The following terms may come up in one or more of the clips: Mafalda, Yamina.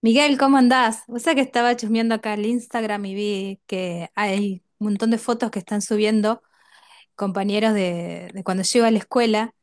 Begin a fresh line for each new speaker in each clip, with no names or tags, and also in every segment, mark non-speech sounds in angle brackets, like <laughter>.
Miguel, ¿cómo andás? O sea que estaba chusmeando acá el Instagram y vi que hay un montón de fotos que están subiendo compañeros de cuando yo iba a la escuela,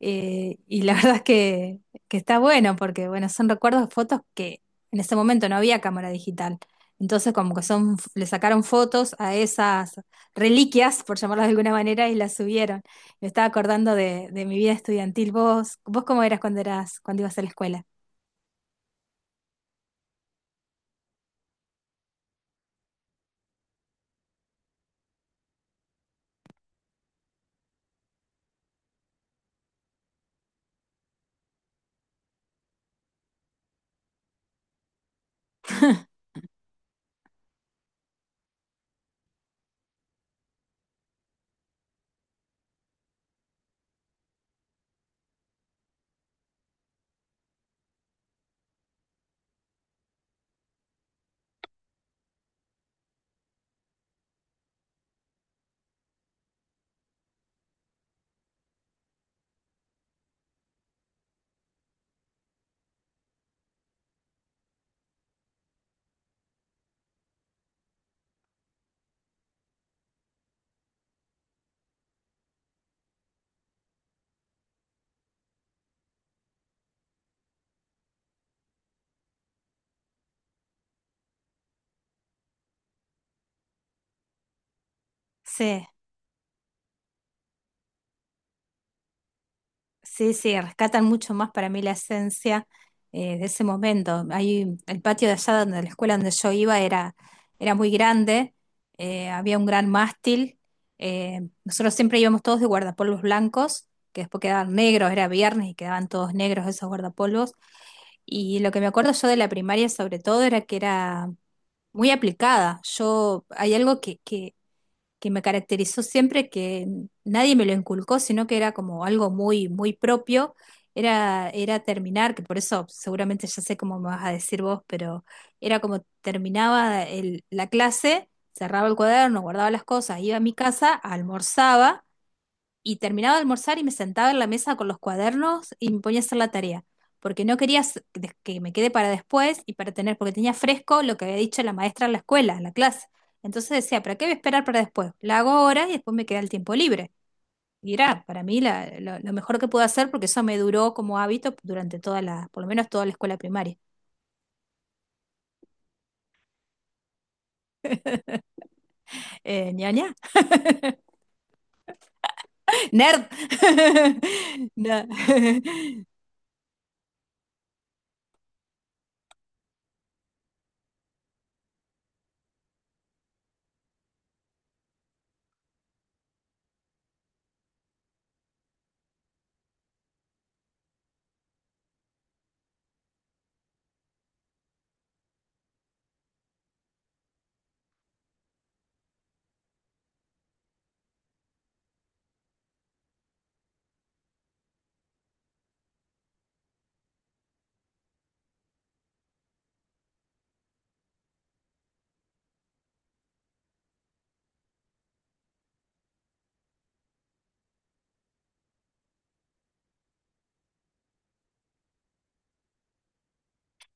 y la <laughs> verdad es que está bueno porque bueno, son recuerdos de fotos que en ese momento no había cámara digital. Entonces como que son, le sacaron fotos a esas reliquias, por llamarlas de alguna manera, y las subieron. Me estaba acordando de mi vida estudiantil. ¿Vos cómo eras, cuando ibas a la escuela? Sí. Sí, sí, rescatan mucho más para mí la esencia, de ese momento. Ahí, el patio de allá donde la escuela donde yo iba era muy grande. Había un gran mástil. Nosotros siempre íbamos todos de guardapolvos blancos, que después quedaban negros, era viernes y quedaban todos negros esos guardapolvos. Y lo que me acuerdo yo de la primaria sobre todo era que era muy aplicada. Yo, hay algo que que me caracterizó siempre, que nadie me lo inculcó, sino que era como algo muy, muy propio, era terminar, que por eso seguramente ya sé cómo me vas a decir vos, pero era como terminaba la clase, cerraba el cuaderno, guardaba las cosas, iba a mi casa, almorzaba y terminaba de almorzar y me sentaba en la mesa con los cuadernos y me ponía a hacer la tarea, porque no quería que me quede para después y para tener, porque tenía fresco lo que había dicho la maestra en la escuela, en la clase. Entonces decía, ¿para qué voy a esperar para después? La hago ahora y después me queda el tiempo libre. Y era para mí lo mejor que pude hacer porque eso me duró como hábito durante toda la, por lo menos toda la escuela primaria. Ña, ña. Nerd. <laughs> No. <laughs>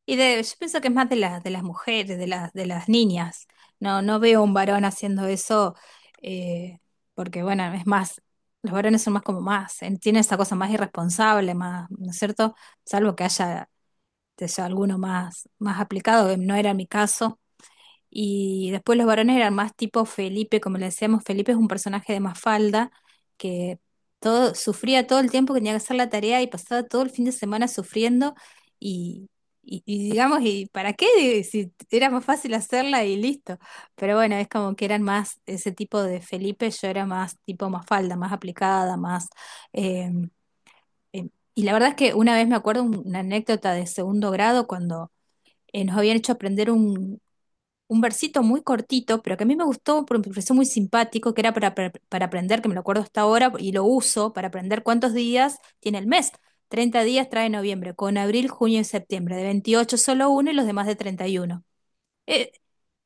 Y yo pienso que es más de las mujeres, de las niñas. No, no veo un varón haciendo eso, eh, porque bueno, es más, los varones son más como más, tienen esa cosa más irresponsable, más, ¿no es cierto? Salvo que haya, que sea alguno más, más aplicado. No era mi caso. Y después los varones eran más tipo Felipe, como le decíamos, Felipe es un personaje de Mafalda que todo, sufría todo el tiempo que tenía que hacer la tarea y pasaba todo el fin de semana sufriendo y, y digamos, ¿y para qué? Si era más fácil hacerla y listo. Pero bueno, es como que eran más ese tipo de Felipe, yo era más tipo Mafalda, más aplicada, más... eh, y la verdad es que una vez me acuerdo una anécdota de segundo grado cuando nos habían hecho aprender un versito muy cortito, pero que a mí me gustó porque me pareció muy simpático, que era para aprender, que me lo acuerdo hasta ahora y lo uso para aprender cuántos días tiene el mes. 30 días trae noviembre, con abril, junio y septiembre. De 28 solo uno y los demás de 31. Eh,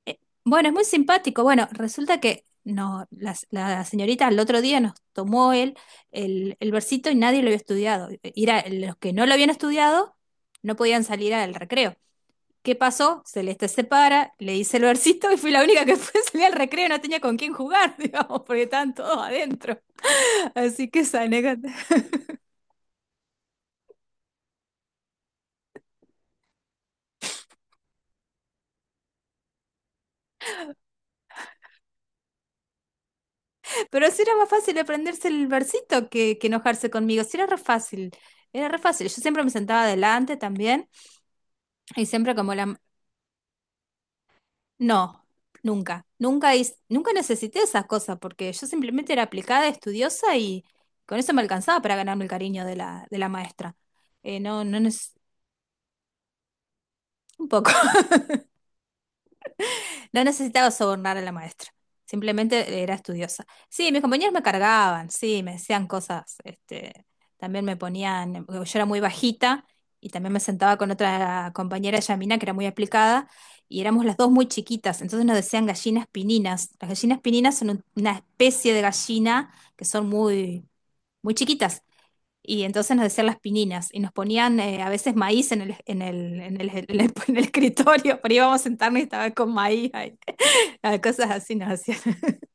eh, bueno, es muy simpático. Bueno, resulta que no, la señorita el otro día nos tomó el versito y nadie lo había estudiado. Era, los que no lo habían estudiado no podían salir al recreo. ¿Qué pasó? Celeste se para, le hice el versito y fui la única que <laughs> fue salir al recreo y no tenía con quién jugar, <laughs> digamos, porque estaban todos adentro. Así que esa anécdota. Pero sí era más fácil aprenderse el versito que enojarse conmigo. Sí era re fácil. Era re fácil. Yo siempre me sentaba adelante también y siempre como la... No, nunca. Nunca necesité esas cosas porque yo simplemente era aplicada, estudiosa y con eso me alcanzaba para ganarme el cariño de de la maestra. No, un poco. No necesitaba sobornar a la maestra, simplemente era estudiosa. Sí, mis compañeros me cargaban, sí, me decían cosas, este, también me ponían, porque yo era muy bajita y también me sentaba con otra compañera, Yamina, que era muy aplicada, y éramos las dos muy chiquitas, entonces nos decían gallinas pininas. Las gallinas pininas son una especie de gallina que son muy, muy chiquitas y entonces nos decían las pininas y nos ponían a veces maíz en <laughs> en el escritorio, pero íbamos a sentarnos y estaba con maíz ahí. <laughs> Cosas así nos hacían. <laughs>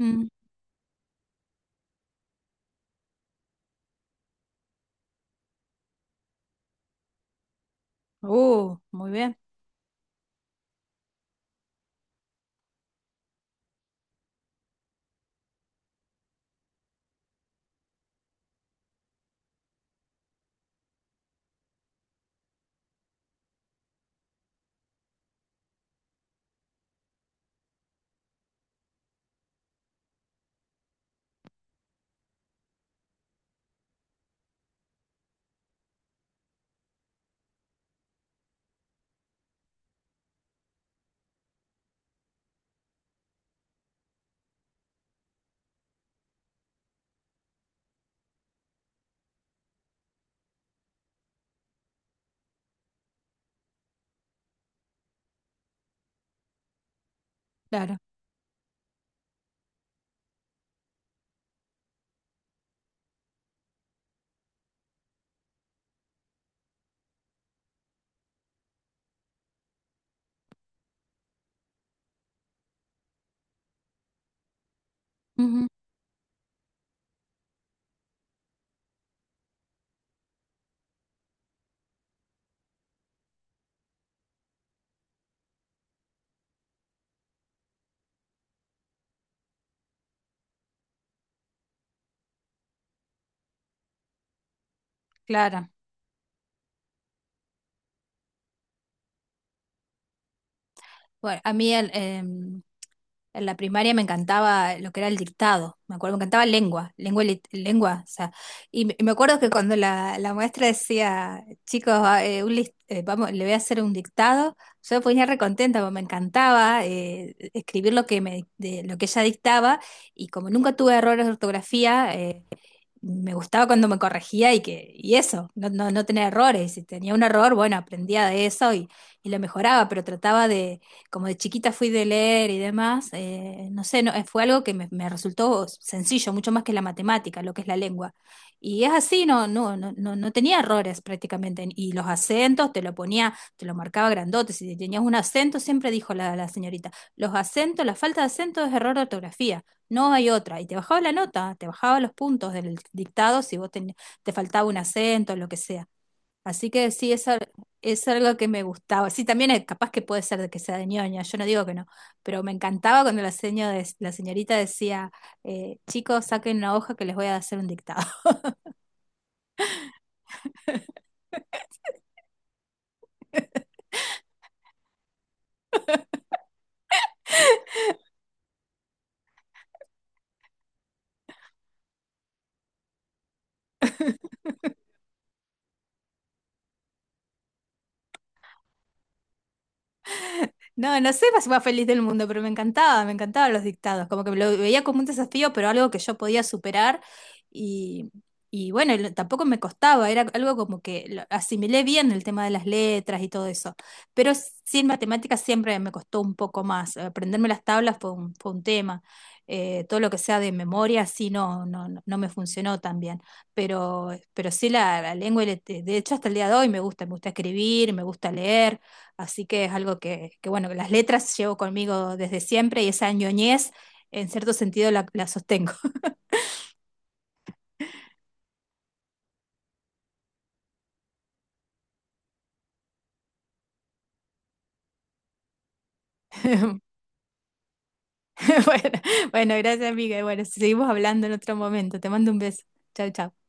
Mm. Muy bien, claro. Ujú, claro. Bueno, a mí en la primaria me encantaba lo que era el dictado, me acuerdo, me encantaba lengua, o sea, y me acuerdo que cuando la maestra decía, chicos, vamos, le voy a hacer un dictado, yo me ponía recontenta, porque me encantaba escribir lo lo que ella dictaba, y como nunca tuve errores de ortografía, me gustaba cuando me corregía y que, y eso, no, no, no tener errores. Si tenía un error, bueno, aprendía de eso y lo mejoraba, pero trataba de, como de chiquita fui de leer y demás, no sé, no, fue algo que resultó sencillo, mucho más que la matemática, lo que es la lengua. Y es así, no, no, no, no, no tenía errores prácticamente. Y los acentos te lo ponía, te lo marcaba grandote. Si tenías un acento, siempre dijo la señorita, los acentos, la falta de acento es error de ortografía. No hay otra. Y te bajaba la nota, te bajaba los puntos del dictado si te faltaba un acento, lo que sea. Así que sí, es algo que me gustaba. Sí, también es capaz que puede ser de que sea de ñoña, yo no digo que no, pero me encantaba cuando la señorita decía, chicos, saquen una hoja que les voy a hacer un dictado. No, no sé la más feliz del mundo, pero me encantaba, me encantaban los dictados, como que lo veía como un desafío, pero algo que yo podía superar y, y bueno, tampoco me costaba, era algo como que lo asimilé bien el tema de las letras y todo eso, pero sí en matemáticas siempre me costó un poco más, aprenderme las tablas fue un tema, todo lo que sea de memoria sí no, no, no me funcionó tan bien, pero sí la lengua, de hecho hasta el día de hoy me gusta escribir, me gusta leer. Así que es algo bueno, que las letras llevo conmigo desde siempre y esa ñoñez, en cierto sentido, la sostengo. <laughs> Bueno, bueno, gracias, amiga. Y bueno, seguimos hablando en otro momento. Te mando un beso. Chau, chau.